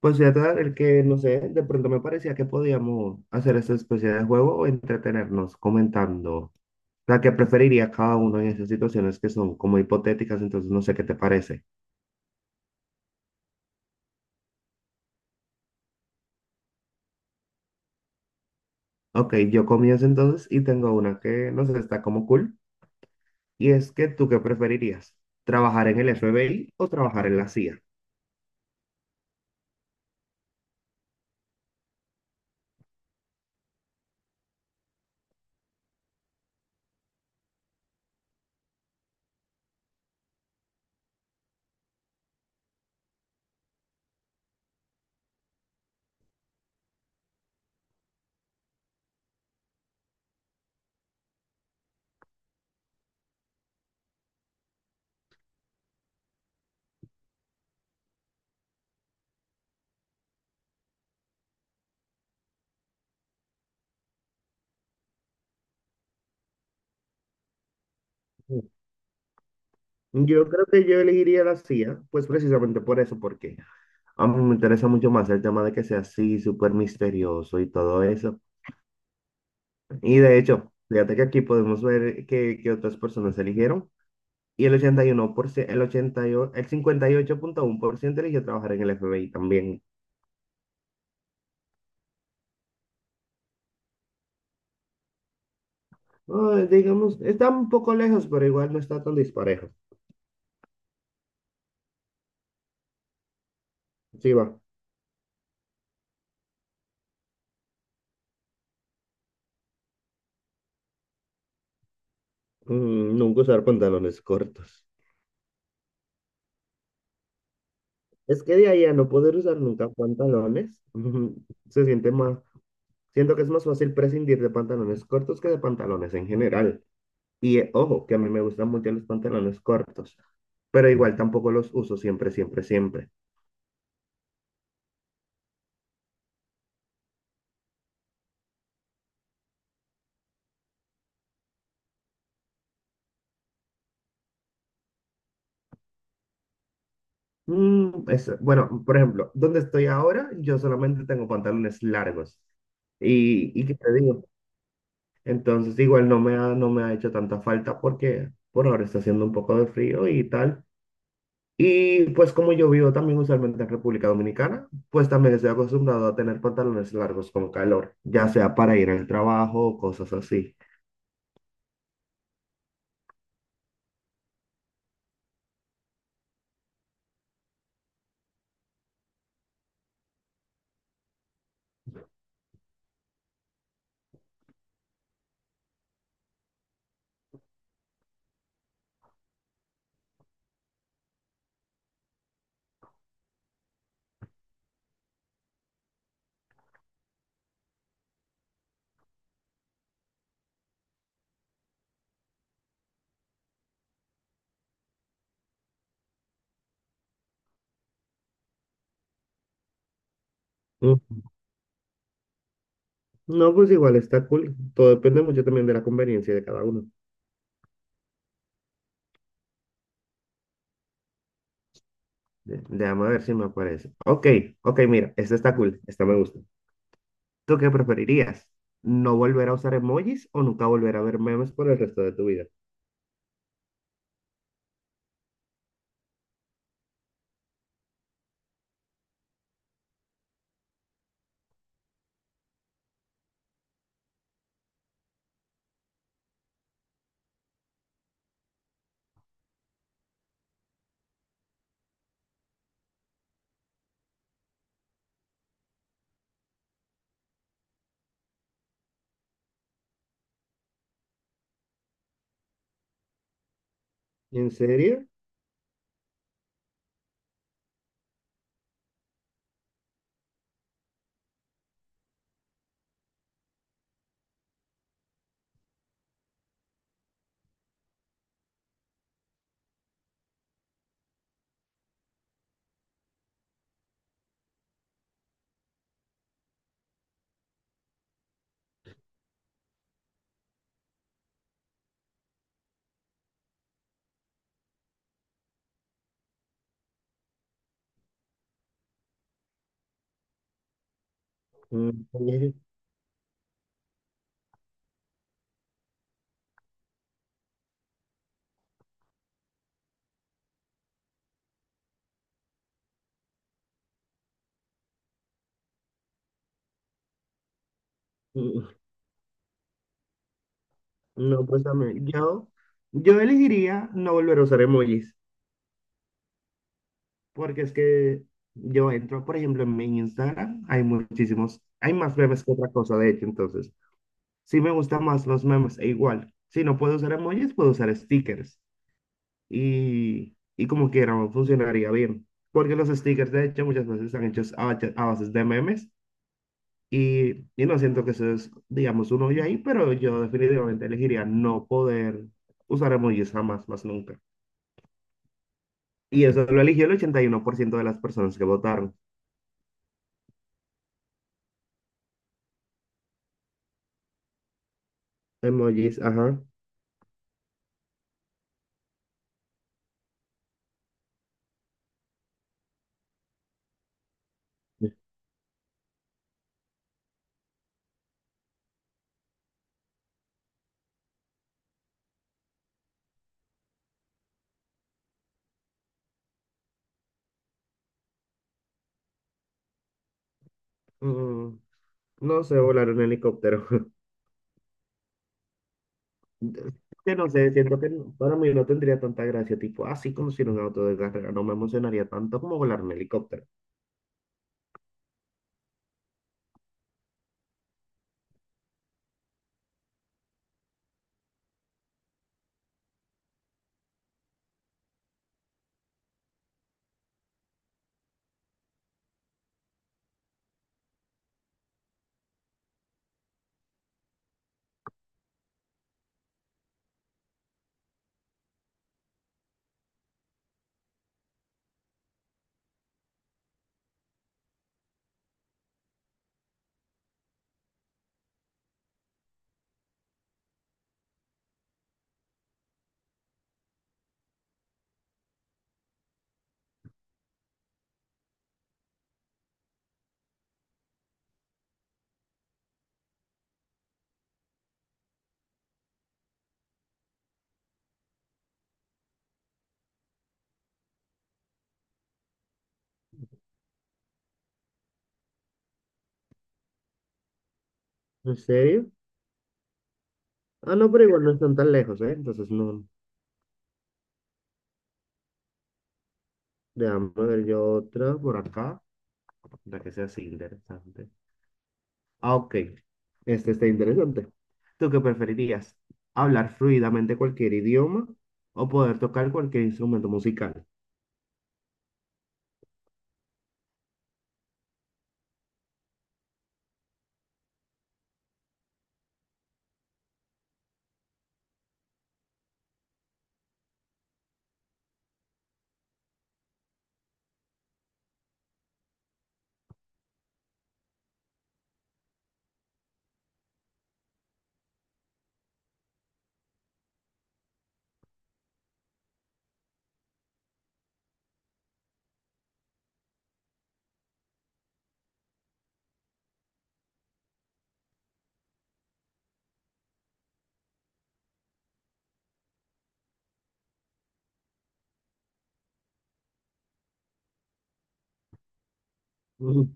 Pues fíjate, el que no sé, de pronto me parecía que podíamos hacer esa especie de juego o entretenernos comentando la que preferiría cada uno en esas situaciones que son como hipotéticas, entonces no sé qué te parece. Ok, yo comienzo entonces y tengo una que no sé, está como cool, y es que tú qué preferirías, ¿trabajar en el FBI o trabajar en la CIA? Mm. Yo creo que yo elegiría la CIA, pues precisamente por eso, porque a mí me interesa mucho más el tema de que sea así, súper misterioso y todo eso. Y de hecho, fíjate que aquí podemos ver que otras personas eligieron. Y el 81% el 88, el 58,1% eligió trabajar en el FBI también. Ah, digamos, está un poco lejos, pero igual no está tan disparejo. Sí, va. Nunca usar pantalones cortos. Es que de ahí a no poder usar nunca pantalones, se siente más, siento que es más fácil prescindir de pantalones cortos que de pantalones en general. Y ojo, que a mí me gustan mucho los pantalones cortos, pero igual tampoco los uso siempre, siempre, siempre. Mm, eso. Bueno, por ejemplo, donde estoy ahora, yo solamente tengo pantalones largos. Y qué te digo, entonces igual no me ha hecho tanta falta porque por ahora está haciendo un poco de frío y tal. Y pues como yo vivo también usualmente en República Dominicana, pues también estoy acostumbrado a tener pantalones largos con calor, ya sea para ir al trabajo o cosas así. No, pues igual está cool. Todo depende mucho también de la conveniencia de cada uno. Déjame ver si me aparece. Ok, ok, mira, esta está cool. Esta me gusta. ¿Tú qué preferirías? ¿No volver a usar emojis o nunca volver a ver memes por el resto de tu vida? ¿En serio? Mm, oye. mm, No, pues a mí, yo elegiría no volver a usar emojis, porque es que yo entro, por ejemplo, en mi Instagram, hay muchísimos, hay más memes que otra cosa, de hecho, entonces. Sí me gustan más los memes, e igual. Si no puedo usar emojis, puedo usar stickers. Y como quiera, funcionaría bien. Porque los stickers, de hecho, muchas veces están hechos a bases de memes. Y no siento que eso es, digamos, un hoyo ahí, pero yo definitivamente elegiría no poder usar emojis jamás, más nunca. Y eso lo eligió el 81% de las personas que votaron. Emojis, ajá. Mm, no sé, volar un helicóptero. Que no sé, siento que para mí no tendría tanta gracia, tipo, así conducir un auto de carrera, no me emocionaría tanto como volar un helicóptero. ¿En serio? Ah, no, pero igual no están tan lejos, ¿eh? Entonces no, déjame ver yo otra por acá, para que sea así interesante. Ah, ok, este está interesante. ¿Tú qué preferirías? ¿Hablar fluidamente cualquier idioma o poder tocar cualquier instrumento musical? Ujú.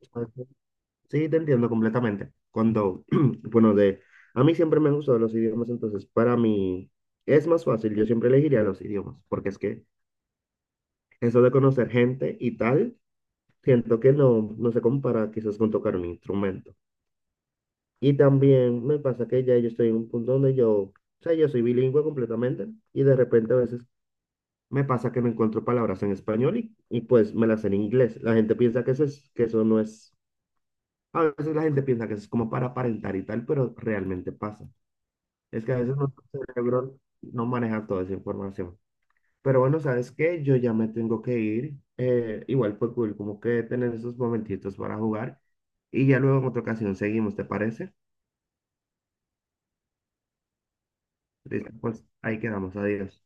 Sí, te entiendo completamente. Cuando, bueno, de, a mí siempre me han gustado los idiomas, entonces para mí es más fácil, yo siempre elegiría los idiomas, porque es que eso de conocer gente y tal, siento que no se compara quizás con tocar un instrumento. Y también me pasa que ya yo estoy en un punto donde yo soy bilingüe completamente y de repente a veces me pasa que no encuentro palabras en español y pues me las sé en inglés. La gente piensa que eso es, que eso no es... A veces la gente piensa que eso es como para aparentar y tal, pero realmente pasa. Es que a veces nuestro cerebro no maneja toda esa información. Pero bueno, ¿sabes qué? Yo ya me tengo que ir. Igual fue cool, como que tener esos momentitos para jugar. Y ya luego en otra ocasión seguimos, ¿te parece? Listo, pues ahí quedamos. Adiós.